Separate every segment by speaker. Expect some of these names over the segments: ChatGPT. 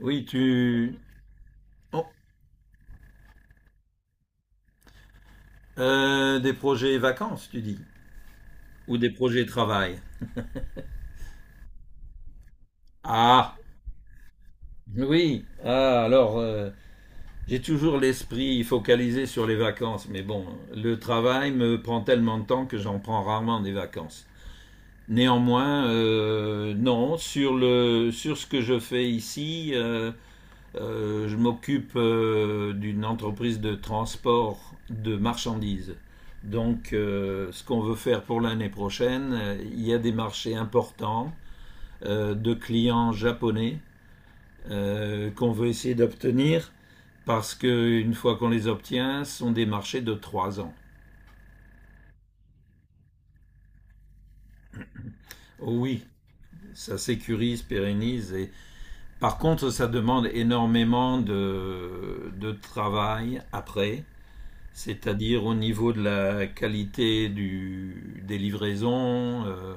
Speaker 1: Oui, tu. Oh, des projets vacances, tu dis? Ou des projets travail? Ah, oui. Ah, alors, j'ai toujours l'esprit focalisé sur les vacances, mais bon, le travail me prend tellement de temps que j'en prends rarement des vacances. Néanmoins, non, sur le, sur ce que je fais ici, euh. Je m'occupe d'une entreprise de transport de marchandises. Donc, ce qu'on veut faire pour l'année prochaine, il y a des marchés importants de clients japonais qu'on veut essayer d'obtenir parce que une fois qu'on les obtient, ce sont des marchés de 3 ans. Oh oui, ça sécurise, pérennise. Et... Par contre, ça demande énormément de travail après, c'est-à-dire au niveau de la qualité du, des livraisons,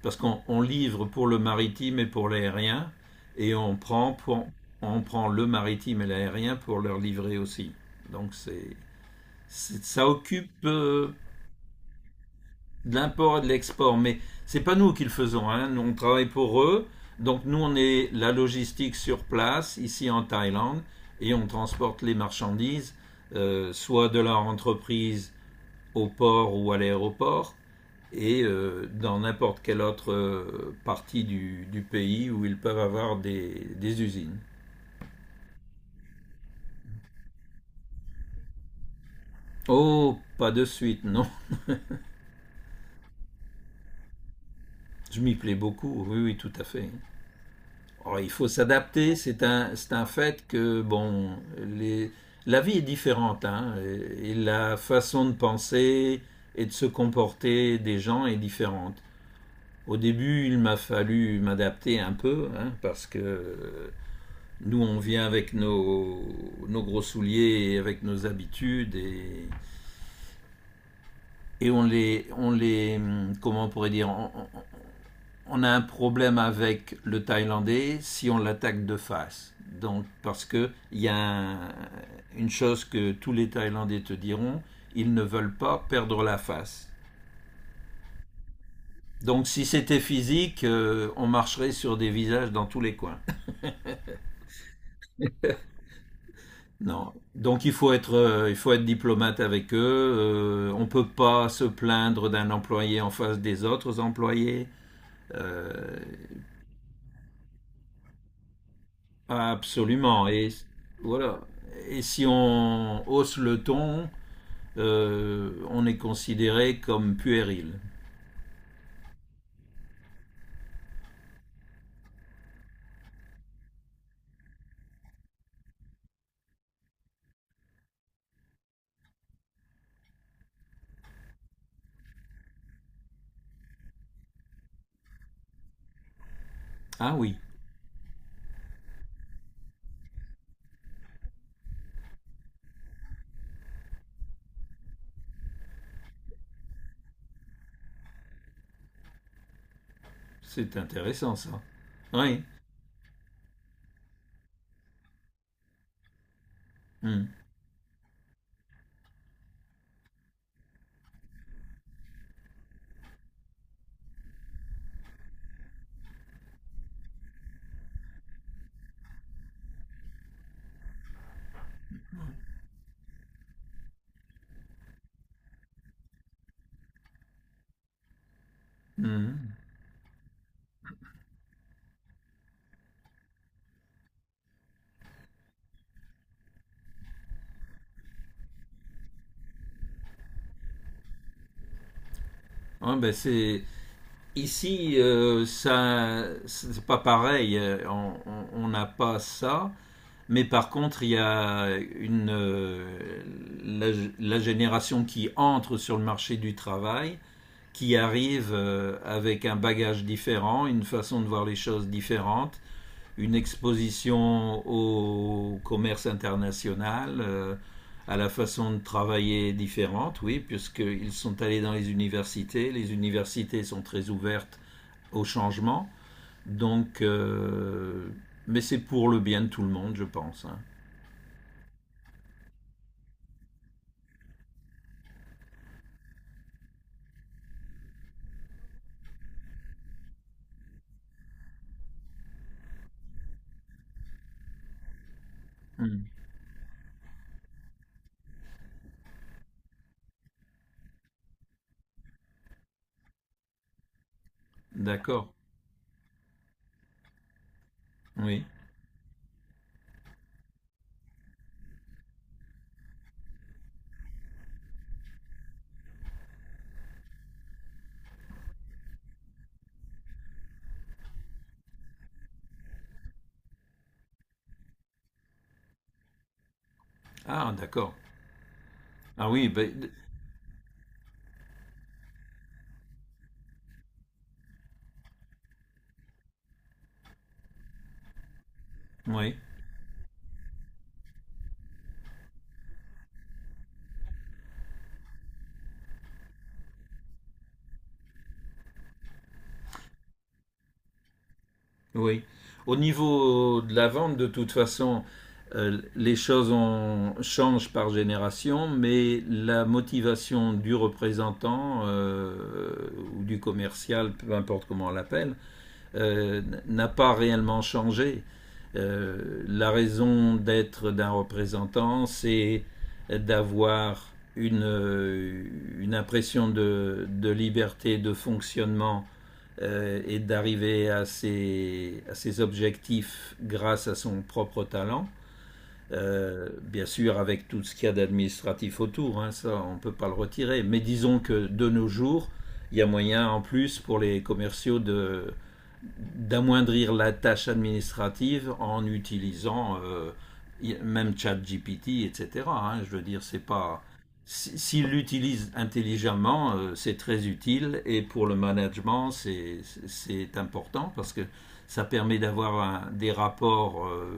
Speaker 1: parce qu'on on livre pour le maritime et pour l'aérien, et on prend, on prend le maritime et l'aérien pour leur livrer aussi. Donc c'est, ça occupe de l'import et de l'export, mais c'est pas nous qui le faisons, hein. Nous, on travaille pour eux, donc nous on est la logistique sur place, ici en Thaïlande, et on transporte les marchandises, soit de leur entreprise au port ou à l'aéroport et dans n'importe quelle autre partie du pays où ils peuvent avoir des usines. Oh, pas de suite, non. Je m'y plais beaucoup, oui, oui, tout à fait. Alors, il faut s'adapter, c'est un fait que, bon, les, la vie est différente, hein, et la façon de penser et de se comporter des gens est différente. Au début, il m'a fallu m'adapter un peu, hein, parce que nous, on vient avec nos, nos gros souliers et avec nos habitudes et on les, comment on pourrait dire, on a un problème avec le Thaïlandais si on l'attaque de face. Donc, parce que il y a un- une chose que tous les Thaïlandais te diront, ils ne veulent pas perdre la face. Donc, si c'était physique, on marcherait sur des visages dans tous les coins. Non. Donc il faut être diplomate avec eux. On ne peut pas se plaindre d'un employé en face des autres employés. Euh, absolument. Et voilà. Et si on hausse le ton, on est considéré comme puéril. Ah oui, c'est intéressant ça. Oui. Hum, hum. Ah, ben, c'est ici, ça, c'est pas pareil. On on n'a pas ça. Mais par contre, il y a une, la, la génération qui entre sur le marché du travail, qui arrive avec un bagage différent, une façon de voir les choses différente, une exposition au commerce international, à la façon de travailler différente, oui, puisqu'ils sont allés dans les universités sont très ouvertes au changement, donc, mais c'est pour le bien de tout le monde, je pense, hein. Mm. D'accord. Oui. Ah, d'accord. Ah oui, ben, d- oui, oui. Au niveau de la vente, de toute façon, les choses changent par génération, mais la motivation du représentant ou du commercial, peu importe comment on l'appelle, n'a pas réellement changé. La raison d'être d'un représentant, c'est d'avoir une impression de liberté de fonctionnement et d'arriver à ses objectifs grâce à son propre talent. Bien sûr, avec tout ce qu'il y a d'administratif autour, hein, ça on ne peut pas le retirer. Mais disons que de nos jours, il y a moyen en plus pour les commerciaux de, d'amoindrir la tâche administrative en utilisant même ChatGPT, etc., hein. Je veux dire, c'est pas. S'il l'utilise intelligemment, c'est très utile et pour le management, c'est important parce que ça permet d'avoir des rapports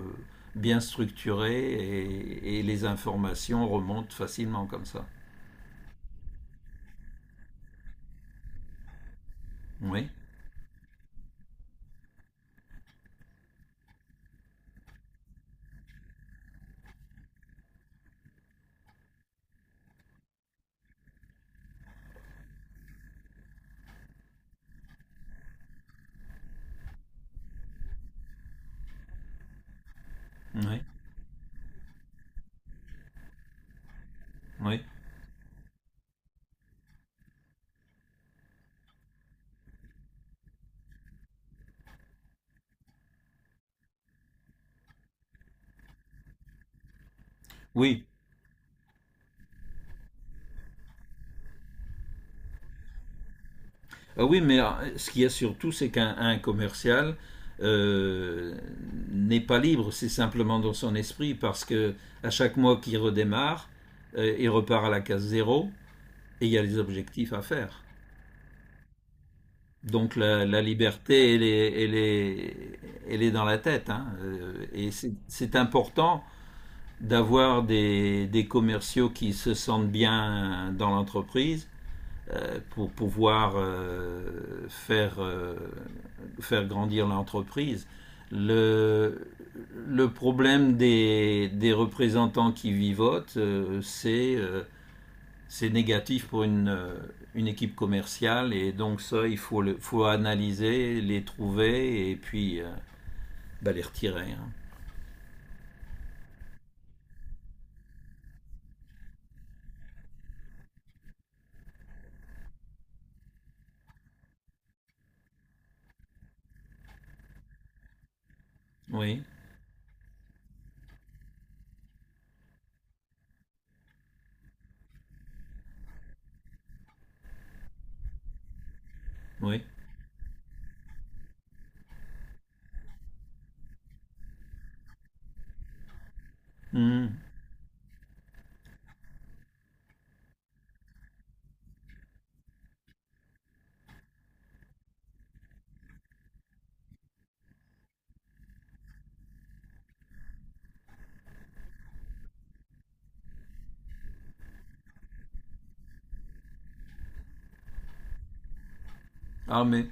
Speaker 1: bien structurés et les informations remontent facilement comme ça. Oui, oui, oui. Oui. Ah oui, mais ce qu'il y a surtout, c'est qu'un commercial euh, n'est pas libre, c'est simplement dans son esprit, parce que à chaque mois qu'il redémarre, il repart à la case zéro et il y a les objectifs à faire. Donc la liberté, elle est, elle, est, elle est dans la tête, hein. Et c'est important d'avoir des commerciaux qui se sentent bien dans l'entreprise pour pouvoir faire, faire grandir l'entreprise. Le, le problème des, représentants qui vivotent, c'est négatif pour une, équipe commerciale et donc ça, il faut, le, faut analyser, les trouver et puis bah, les retirer, hein. Oui, oui. Mmh. Ah mais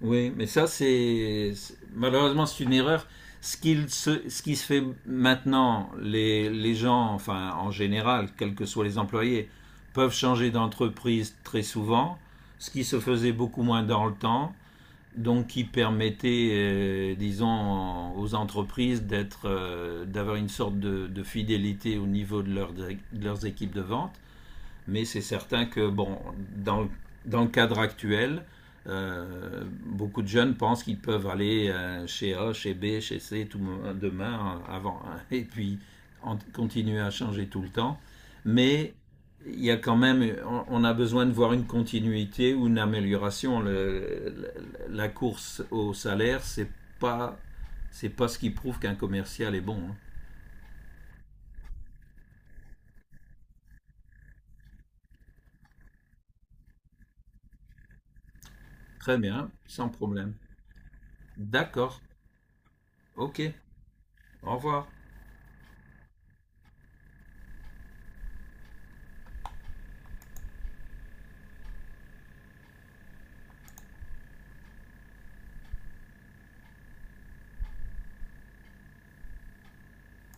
Speaker 1: oui, mais ça, c'est malheureusement, c'est une erreur. Ce, qu'il se, ce qui se fait maintenant, les gens, enfin en général, quels que soient les employés, peuvent changer d'entreprise très souvent, ce qui se faisait beaucoup moins dans le temps, donc qui permettait, disons, aux entreprises d'être, d'avoir une sorte de, fidélité au niveau de, leur, de leurs équipes de vente. Mais c'est certain que, bon, dans, dans le cadre actuel, beaucoup de jeunes pensent qu'ils peuvent aller chez A, chez B, chez C tout demain, avant, hein, et puis continuer à changer tout le temps. Mais il y a quand même, on a besoin de voir une continuité ou une amélioration. La course au salaire, pas, c'est pas ce qui prouve qu'un commercial est bon, hein. Très bien, sans problème. D'accord, ok, au revoir.